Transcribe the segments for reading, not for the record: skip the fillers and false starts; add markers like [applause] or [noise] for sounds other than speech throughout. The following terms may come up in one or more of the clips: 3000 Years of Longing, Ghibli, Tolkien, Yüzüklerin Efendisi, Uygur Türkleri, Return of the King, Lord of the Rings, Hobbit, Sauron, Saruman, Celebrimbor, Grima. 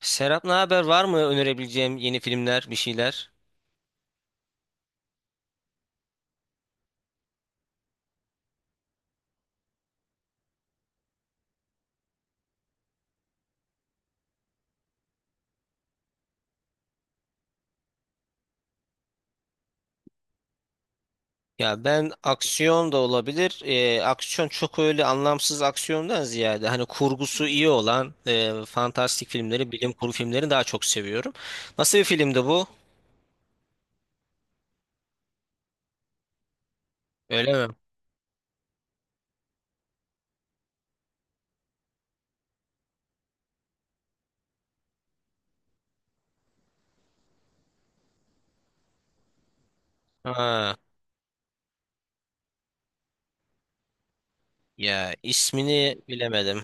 Serap, ne haber? Var mı önerebileceğim yeni filmler, bir şeyler? Ya ben aksiyon da olabilir. Aksiyon çok öyle anlamsız aksiyondan ziyade hani kurgusu iyi olan fantastik filmleri, bilim kurgu filmlerini daha çok seviyorum. Nasıl bir filmdi bu? Öyle mi? Ha, ya ismini bilemedim.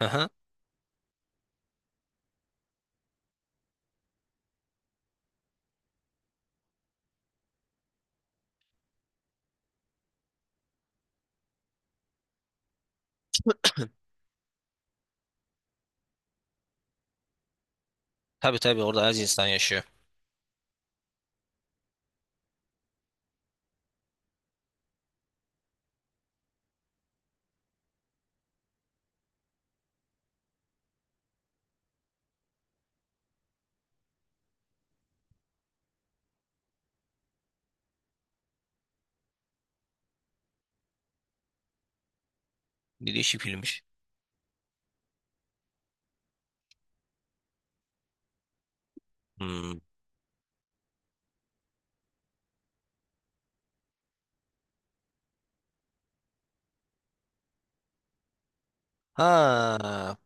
Aha. Tabii tabii, orada az insan yaşıyor. Bir değişik filmmiş. Hmm. Ha.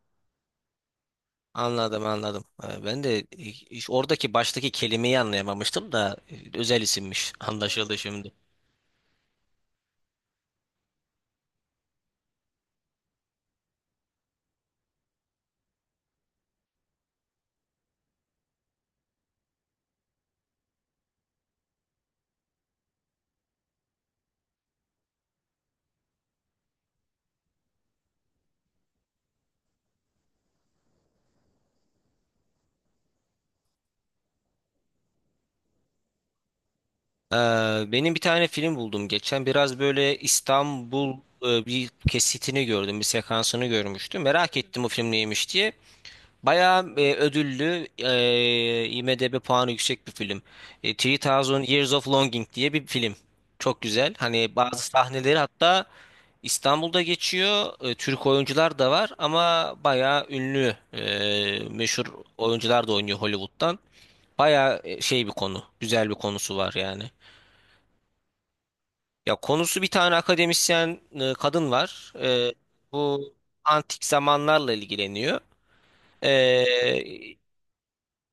Anladım anladım. Ben de oradaki baştaki kelimeyi anlayamamıştım da özel isimmiş. [laughs] Anlaşıldı şimdi. Ee, benim bir tane film buldum geçen. Biraz böyle İstanbul, bir kesitini gördüm, bir sekansını görmüştüm. Merak ettim o film neymiş diye. Bayağı ödüllü, IMDb puanı yüksek bir film. 3000 Years of Longing diye bir film. Çok güzel. Hani bazı sahneleri hatta İstanbul'da geçiyor. Türk oyuncular da var ama bayağı ünlü, meşhur oyuncular da oynuyor Hollywood'dan. Bayağı şey bir konu, güzel bir konusu var yani. Ya konusu, bir tane akademisyen kadın var. Bu antik zamanlarla ilgileniyor. E,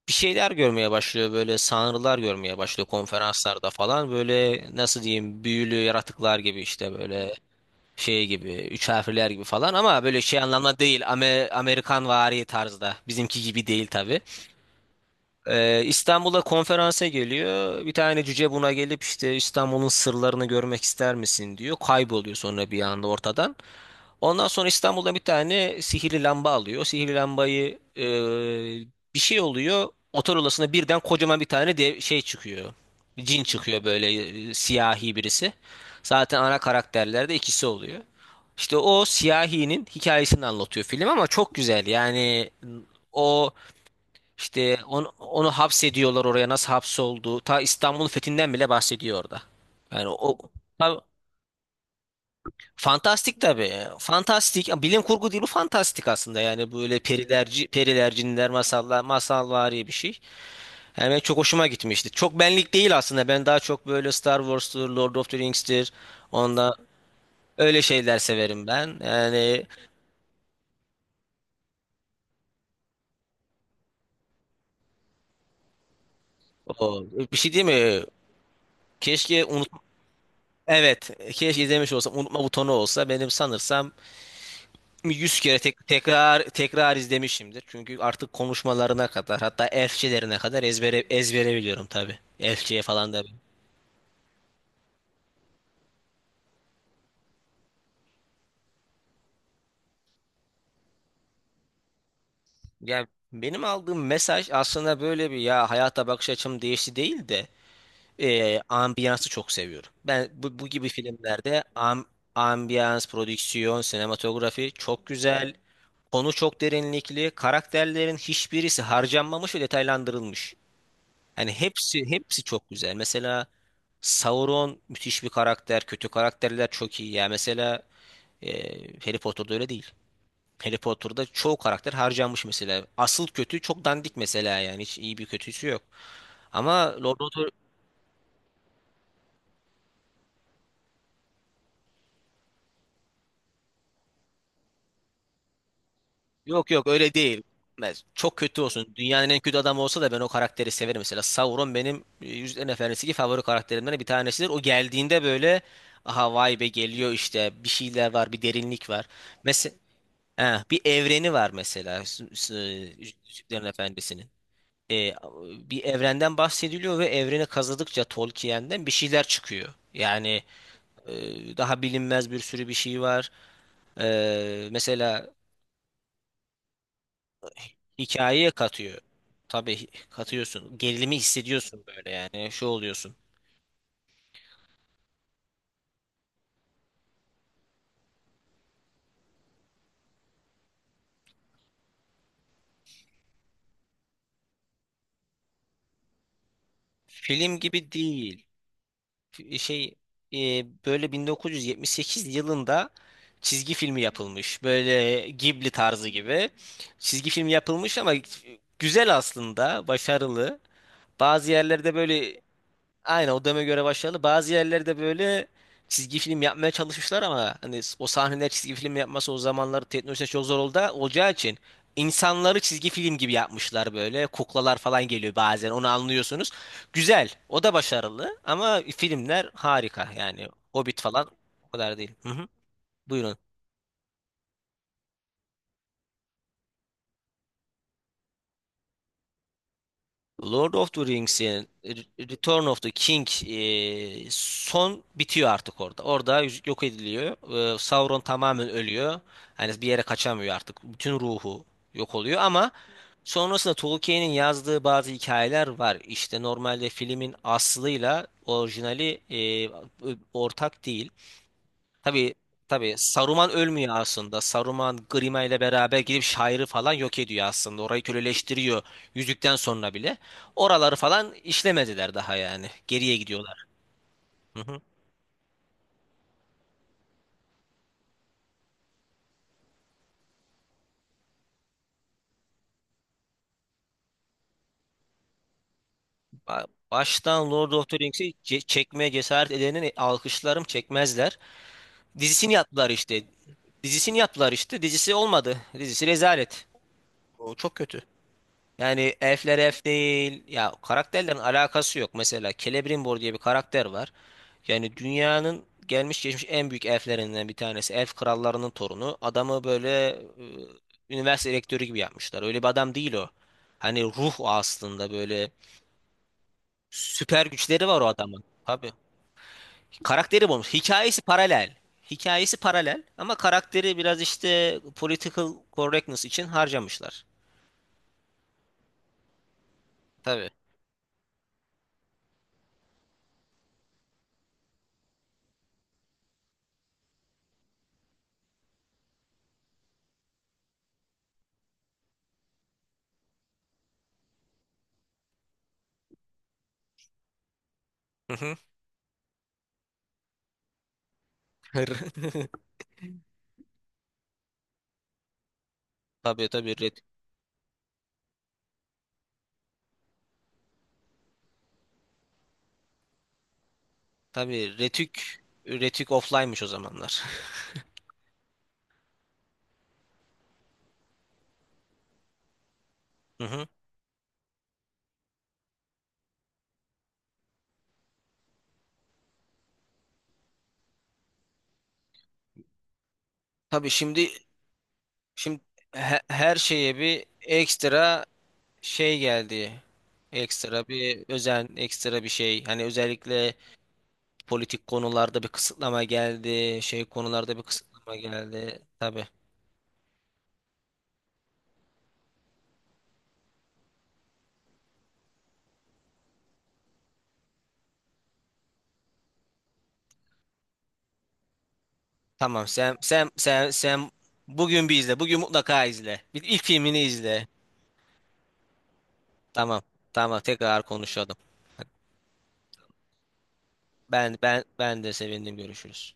bir şeyler görmeye başlıyor, böyle sanrılar görmeye başlıyor konferanslarda falan, böyle nasıl diyeyim, büyülü yaratıklar gibi, işte böyle şey gibi, üç harfliler gibi falan, ama böyle şey anlamda değil, Amerikan vari tarzda, bizimki gibi değil tabii. İstanbul'a konferansa geliyor, bir tane cüce buna gelip işte İstanbul'un sırlarını görmek ister misin diyor, kayboluyor sonra bir anda ortadan. Ondan sonra İstanbul'da bir tane sihirli lamba alıyor. Sihirli lambayı, bir şey oluyor. Otel odasına birden kocaman bir tane de şey çıkıyor. Cin çıkıyor böyle, siyahi birisi. Zaten ana karakterlerde ikisi oluyor. İşte o siyahinin hikayesini anlatıyor film, ama çok güzel. Yani o, işte onu hapsediyorlar oraya, nasıl hapsoldu. Ta İstanbul'un fethinden bile bahsediyor orada. Yani o fantastik tabii. Fantastik. Bilim kurgu değil bu, fantastik aslında. Yani böyle perilerci, periler, cinler, masallar, masalvari bir şey. Yani benim çok hoşuma gitmişti. Çok benlik değil aslında. Ben daha çok böyle Star Wars'tur, Lord of the Rings'tir. Onda öyle şeyler severim ben. Yani o bir şey değil mi? Keşke unut Evet, keşke izlemiş olsam, unutma butonu olsa benim sanırsam. 100 kere tekrar tekrar izlemişimdir. Çünkü artık konuşmalarına kadar, hatta elfçelerine kadar ezbere ezbere biliyorum tabii. Elfçeye falan da. Ya benim aldığım mesaj aslında, böyle bir, ya hayata bakış açım değişti değil de ambiyansı çok seviyorum. Ben bu gibi filmlerde, ambiyans, prodüksiyon, sinematografi çok güzel. Konu çok derinlikli. Karakterlerin hiçbirisi harcanmamış ve detaylandırılmış. Yani hepsi hepsi çok güzel. Mesela Sauron müthiş bir karakter. Kötü karakterler çok iyi. Ya mesela, e, Harry Potter'da öyle değil. Harry Potter'da çoğu karakter harcanmış mesela. Asıl kötü çok dandik mesela yani. Hiç iyi bir kötüsü yok. Ama Lord of the- Yok yok, öyle değil. Çok kötü olsun. Dünyanın en kötü adamı olsa da ben o karakteri severim. Mesela Sauron benim Yüzüklerin Efendisi'ndeki favori karakterimden bir tanesidir. O geldiğinde böyle, aha vay be geliyor, işte bir şeyler var, bir derinlik var. Mesela bir evreni var mesela, Yüzüklerin Efendisi'nin. Eh, bir evrenden bahsediliyor ve evreni kazıdıkça Tolkien'den bir şeyler çıkıyor. Yani daha bilinmez bir sürü bir şey var. Mesela hikayeye katıyor. Tabii katıyorsun. Gerilimi hissediyorsun böyle yani. Şu oluyorsun. Film gibi değil. Şey, e, böyle 1978 yılında çizgi filmi yapılmış. Böyle Ghibli tarzı gibi. Çizgi filmi yapılmış ama güzel aslında, başarılı. Bazı yerlerde böyle. Aynen, o döneme göre başarılı. Bazı yerlerde böyle çizgi film yapmaya çalışmışlar ama hani o sahneler, çizgi film yapması o zamanlar teknolojisi çok zor oldu, olacağı için insanları çizgi film gibi yapmışlar böyle. Kuklalar falan geliyor bazen, onu anlıyorsunuz. Güzel, o da başarılı, ama filmler harika yani, Hobbit falan o kadar değil. Hı hı. Buyurun. Lord of the Rings'in Return of the King, son bitiyor artık orada. Orada yüzük yok ediliyor. Sauron tamamen ölüyor. Hani bir yere kaçamıyor artık. Bütün ruhu yok oluyor ama sonrasında Tolkien'in yazdığı bazı hikayeler var. İşte normalde filmin aslıyla orijinali ortak değil. Tabii tabii, Saruman ölmüyor aslında. Saruman Grima ile beraber gidip şairi falan yok ediyor aslında. Orayı köleleştiriyor yüzükten sonra bile. Oraları falan işlemediler daha yani. Geriye gidiyorlar. Hı hı. Baştan Lord of the Rings'i çekmeye cesaret edenin alkışlarım, çekmezler. Dizisini yaptılar işte. Dizisini yaptılar işte. Dizisi olmadı. Dizisi rezalet. O çok kötü. Yani elfler elf değil. Ya karakterlerin alakası yok. Mesela Celebrimbor diye bir karakter var. Yani dünyanın gelmiş geçmiş en büyük elflerinden bir tanesi. Elf krallarının torunu. Adamı böyle üniversite rektörü gibi yapmışlar. Öyle bir adam değil o. Hani ruh o aslında, böyle süper güçleri var o adamın. Tabii. Karakteri bulmuş. Hikayesi paralel. Hikayesi paralel ama karakteri biraz işte political correctness için harcamışlar. Tabii. Hı hı. [laughs] Tabii tabii. Tabii Retük. Retük offline'mış o zamanlar. [laughs] Hı hı. Tabii, şimdi her şeye bir ekstra şey geldi. Ekstra bir özen, ekstra bir şey. Hani özellikle politik konularda bir kısıtlama geldi, şey konularda bir kısıtlama geldi. Tabii. Tamam, sen bugün bir izle. Bugün mutlaka izle. Bir ilk filmini izle. Tamam. Tamam, tekrar konuşalım. Ben de sevindim, görüşürüz.